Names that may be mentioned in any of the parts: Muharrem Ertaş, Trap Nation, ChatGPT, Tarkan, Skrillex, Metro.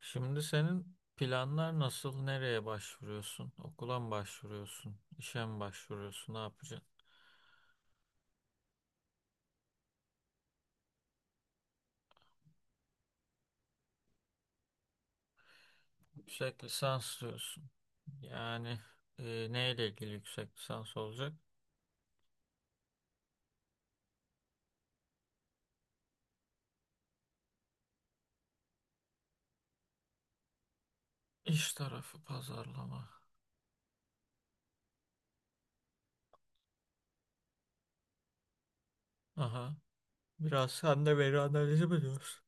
Şimdi senin planlar nasıl? Nereye başvuruyorsun? Okula mı başvuruyorsun? İşe mi başvuruyorsun? Ne yapacaksın? Yüksek lisans diyorsun. Yani neyle ilgili yüksek lisans olacak? İş tarafı pazarlama. Aha. Biraz sen de veri analizi mi diyorsun?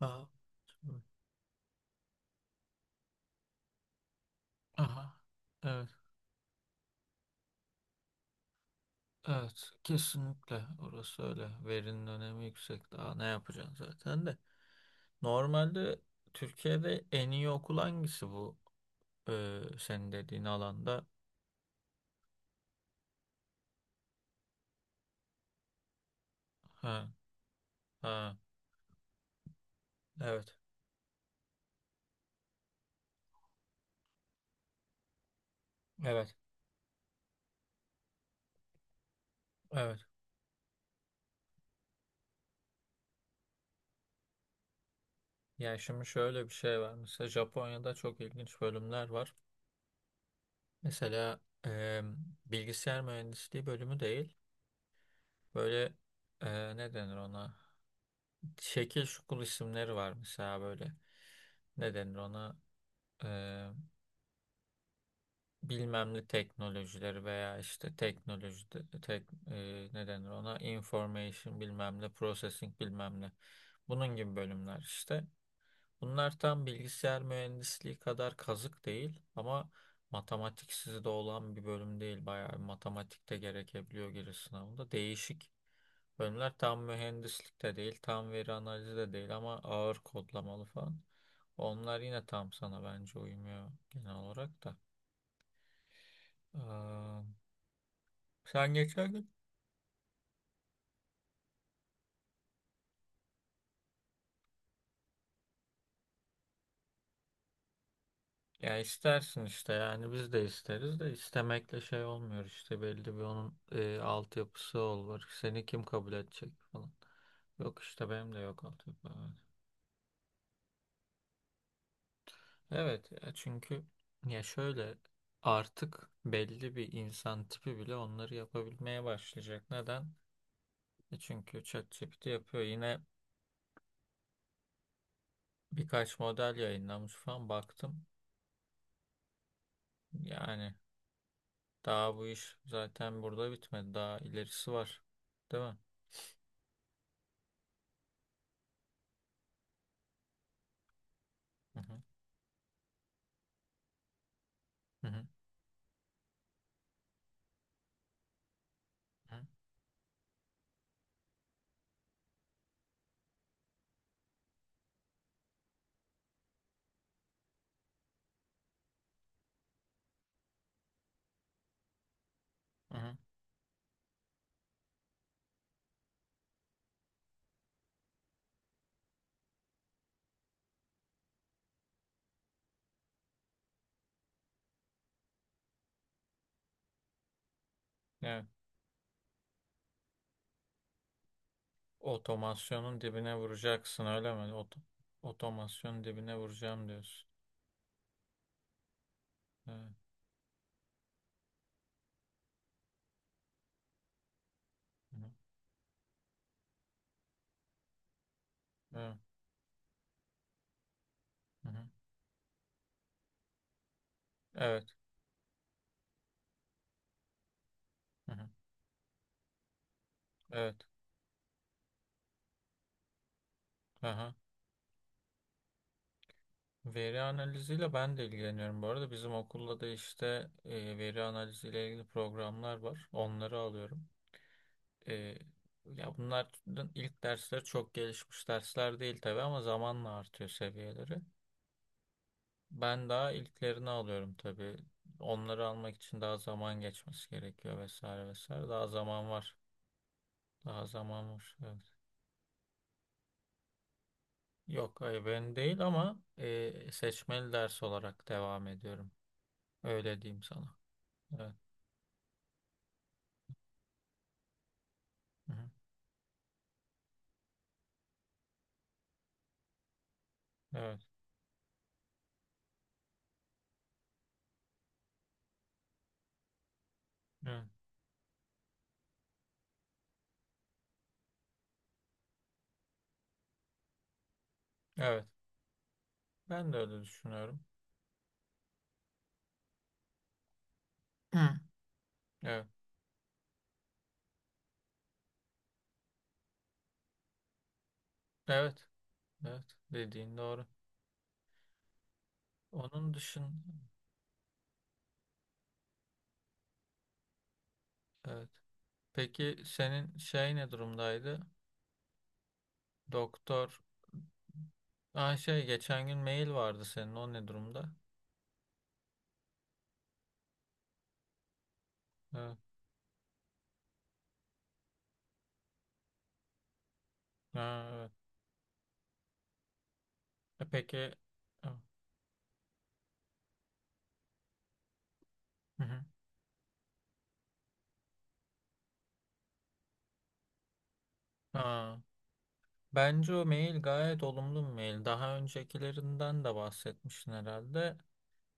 Aha. Aha. Evet. Evet. Kesinlikle. Orası öyle. Verinin önemi yüksek. Daha ne yapacaksın zaten de. Normalde Türkiye'de en iyi okul hangisi bu? Senin dediğin alanda. Ha, ha, evet, evet, evet. Yani şimdi şöyle bir şey var. Mesela Japonya'da çok ilginç bölümler var. Mesela e, bilgisayar mühendisliği bölümü değil. Böyle ne denir ona? Şekil şukul isimleri var mesela böyle. Ne denir ona? E, bilmem ne teknolojileri veya işte teknoloji de- tek, e, ne denir ona? Information bilmem ne, processing bilmem ne. Bunun gibi bölümler işte. Bunlar tam bilgisayar mühendisliği kadar kazık değil ama matematiksiz de olan bir bölüm değil. Bayağı bir matematik de gerekebiliyor giriş sınavında. Değişik bölümler tam mühendislik de değil, tam veri analizi de değil ama ağır kodlamalı falan. Onlar yine tam sana bence uymuyor genel olarak da. Ee, sen geçen gün. Ya istersin işte yani biz de isteriz de istemekle şey olmuyor işte belli bir onun altyapısı olur. Seni kim kabul edecek falan. Yok işte benim de yok altyapı. Evet. Evet, ya çünkü ya şöyle artık belli bir insan tipi bile onları yapabilmeye başlayacak. Neden? E çünkü ChatGPT yapıyor. Yine birkaç model yayınlamış falan baktım. Yani daha bu iş zaten burada bitmedi. Daha ilerisi var. Değil mi? Hı hı. Hı hı. Hı hı. Evet. Otomasyonun dibine vuracaksın öyle mi? Otomasyonun dibine vuracağım diyorsun. Evet. Hı hı. Evet. Hı hı. Evet. Hı hı. Evet. Aha. Veri analiziyle ben de ilgileniyorum. Bu arada bizim okulda da işte veri analiziyle ilgili programlar var. Onları alıyorum. E, ya bunların ilk dersleri çok gelişmiş dersler değil tabii ama zamanla artıyor seviyeleri. Ben daha ilklerini alıyorum tabii. Onları almak için daha zaman geçmesi gerekiyor vesaire vesaire. Daha zaman var. Daha zaman var. Evet. Yok, hayır ben değil ama seçmeli ders olarak devam ediyorum. Öyle diyeyim sana. Evet. Hı-hı. Evet. Evet. Evet. Ben de öyle düşünüyorum. Hı. Evet. Evet. Evet. Dediğin doğru. Onun dışın evet. Peki senin şey ne durumdaydı? Doktor. Aa şey geçen gün mail vardı senin o ne durumda? Evet. Ha, evet. E peki ha, hı hı. Ha, bence o mail gayet olumlu bir mail. Daha öncekilerinden de bahsetmiştin herhalde.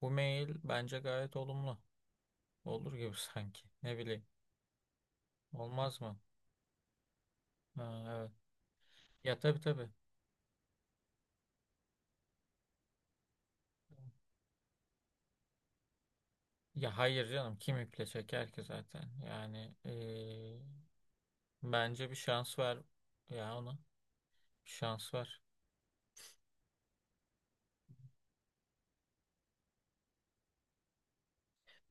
Bu mail bence gayet olumlu. Olur gibi sanki. Ne bileyim. Olmaz mı? Ha, evet. Ya tabii tabii. Ya hayır canım kim iple çeker ki zaten. Yani bence bir şans ver ya ona. Bir şans ver.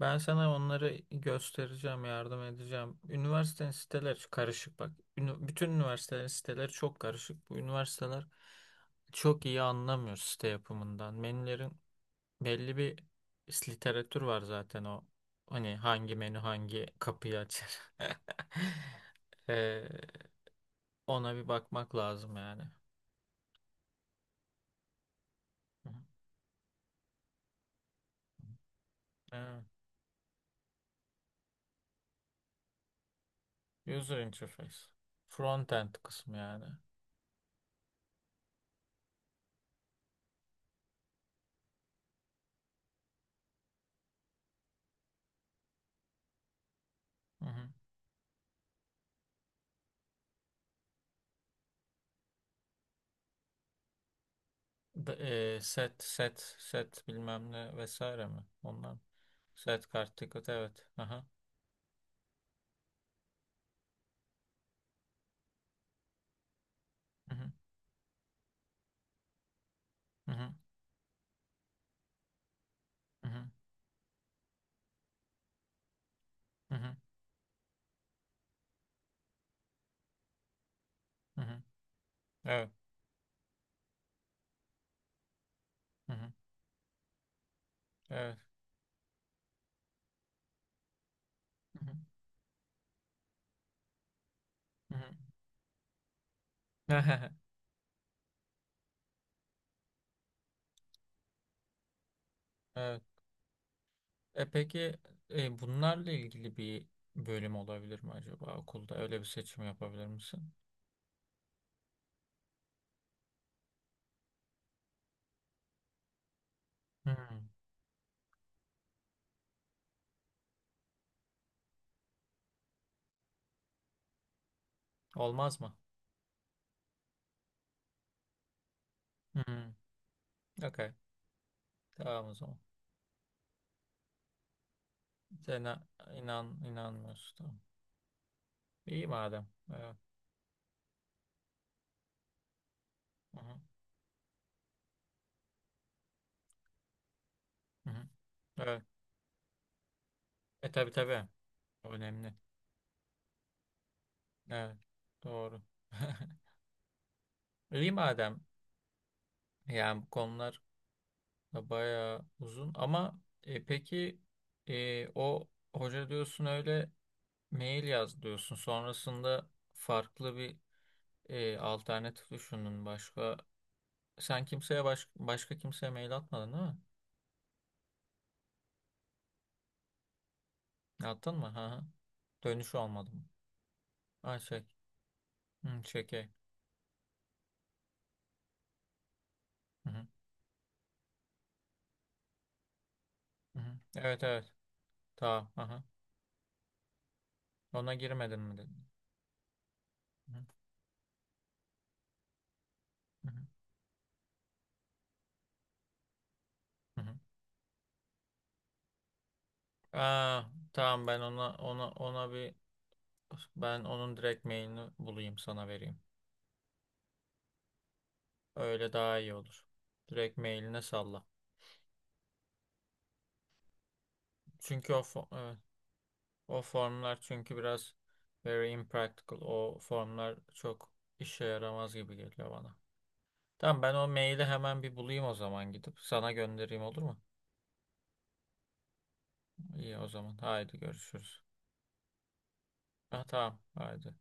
Ben sana onları göstereceğim, yardım edeceğim. Üniversitenin siteleri karışık bak. Bütün üniversitelerin siteleri çok karışık. Bu üniversiteler çok iyi anlamıyor site yapımından. Menülerin belli bir literatür var zaten o. Hani hangi menü hangi kapıyı açar. Ee, ona bir bakmak lazım yani. Hı hı. Evet. User interface. Frontend kısmı yani. Hı hı. Set set set bilmem ne vesaire mi? Ondan set kart ticket evet. Aha. Hı hı. Hı hı. Hı hı. Hı hı. Hı hı. Evet. Hı hı. Evet. Hı hı. Hı hı. Evet. E peki bunlarla ilgili bir bölüm olabilir mi acaba okulda? Öyle bir seçim yapabilir misin? Hı. Olmaz mı? Hı. Okay. Tamam o zaman. Sen inanmıyorsun. Tamam. İyi madem. Evet. Hı hı. Hı hı. Evet. E tabii tabii. Önemli. Evet. Doğru. İyi madem. Yani bu konular da bayağı uzun ama peki o hoca diyorsun öyle mail yaz diyorsun. Sonrasında farklı bir alternatif düşündün başka. Sen kimseye başka kimseye mail atmadın değil mi? Attın mı? Hı hı. Dönüş olmadı mı? Ay çek. Hı, çeke. Hı hı. Hı hı. Evet evet. Tamam. Hı hı. Ona girmedin mi dedin? Hı hı. Hı hı. Hı hı. Aa, tamam ben ona bir ben onun direkt mailini bulayım sana vereyim. Öyle daha iyi olur. Direkt mailine salla. Çünkü evet, o formlar çünkü biraz very impractical. O formlar çok işe yaramaz gibi geliyor bana. Tamam ben o maili hemen bir bulayım o zaman gidip sana göndereyim olur mu? İyi o zaman. Haydi görüşürüz. Ha, tamam. Haydi.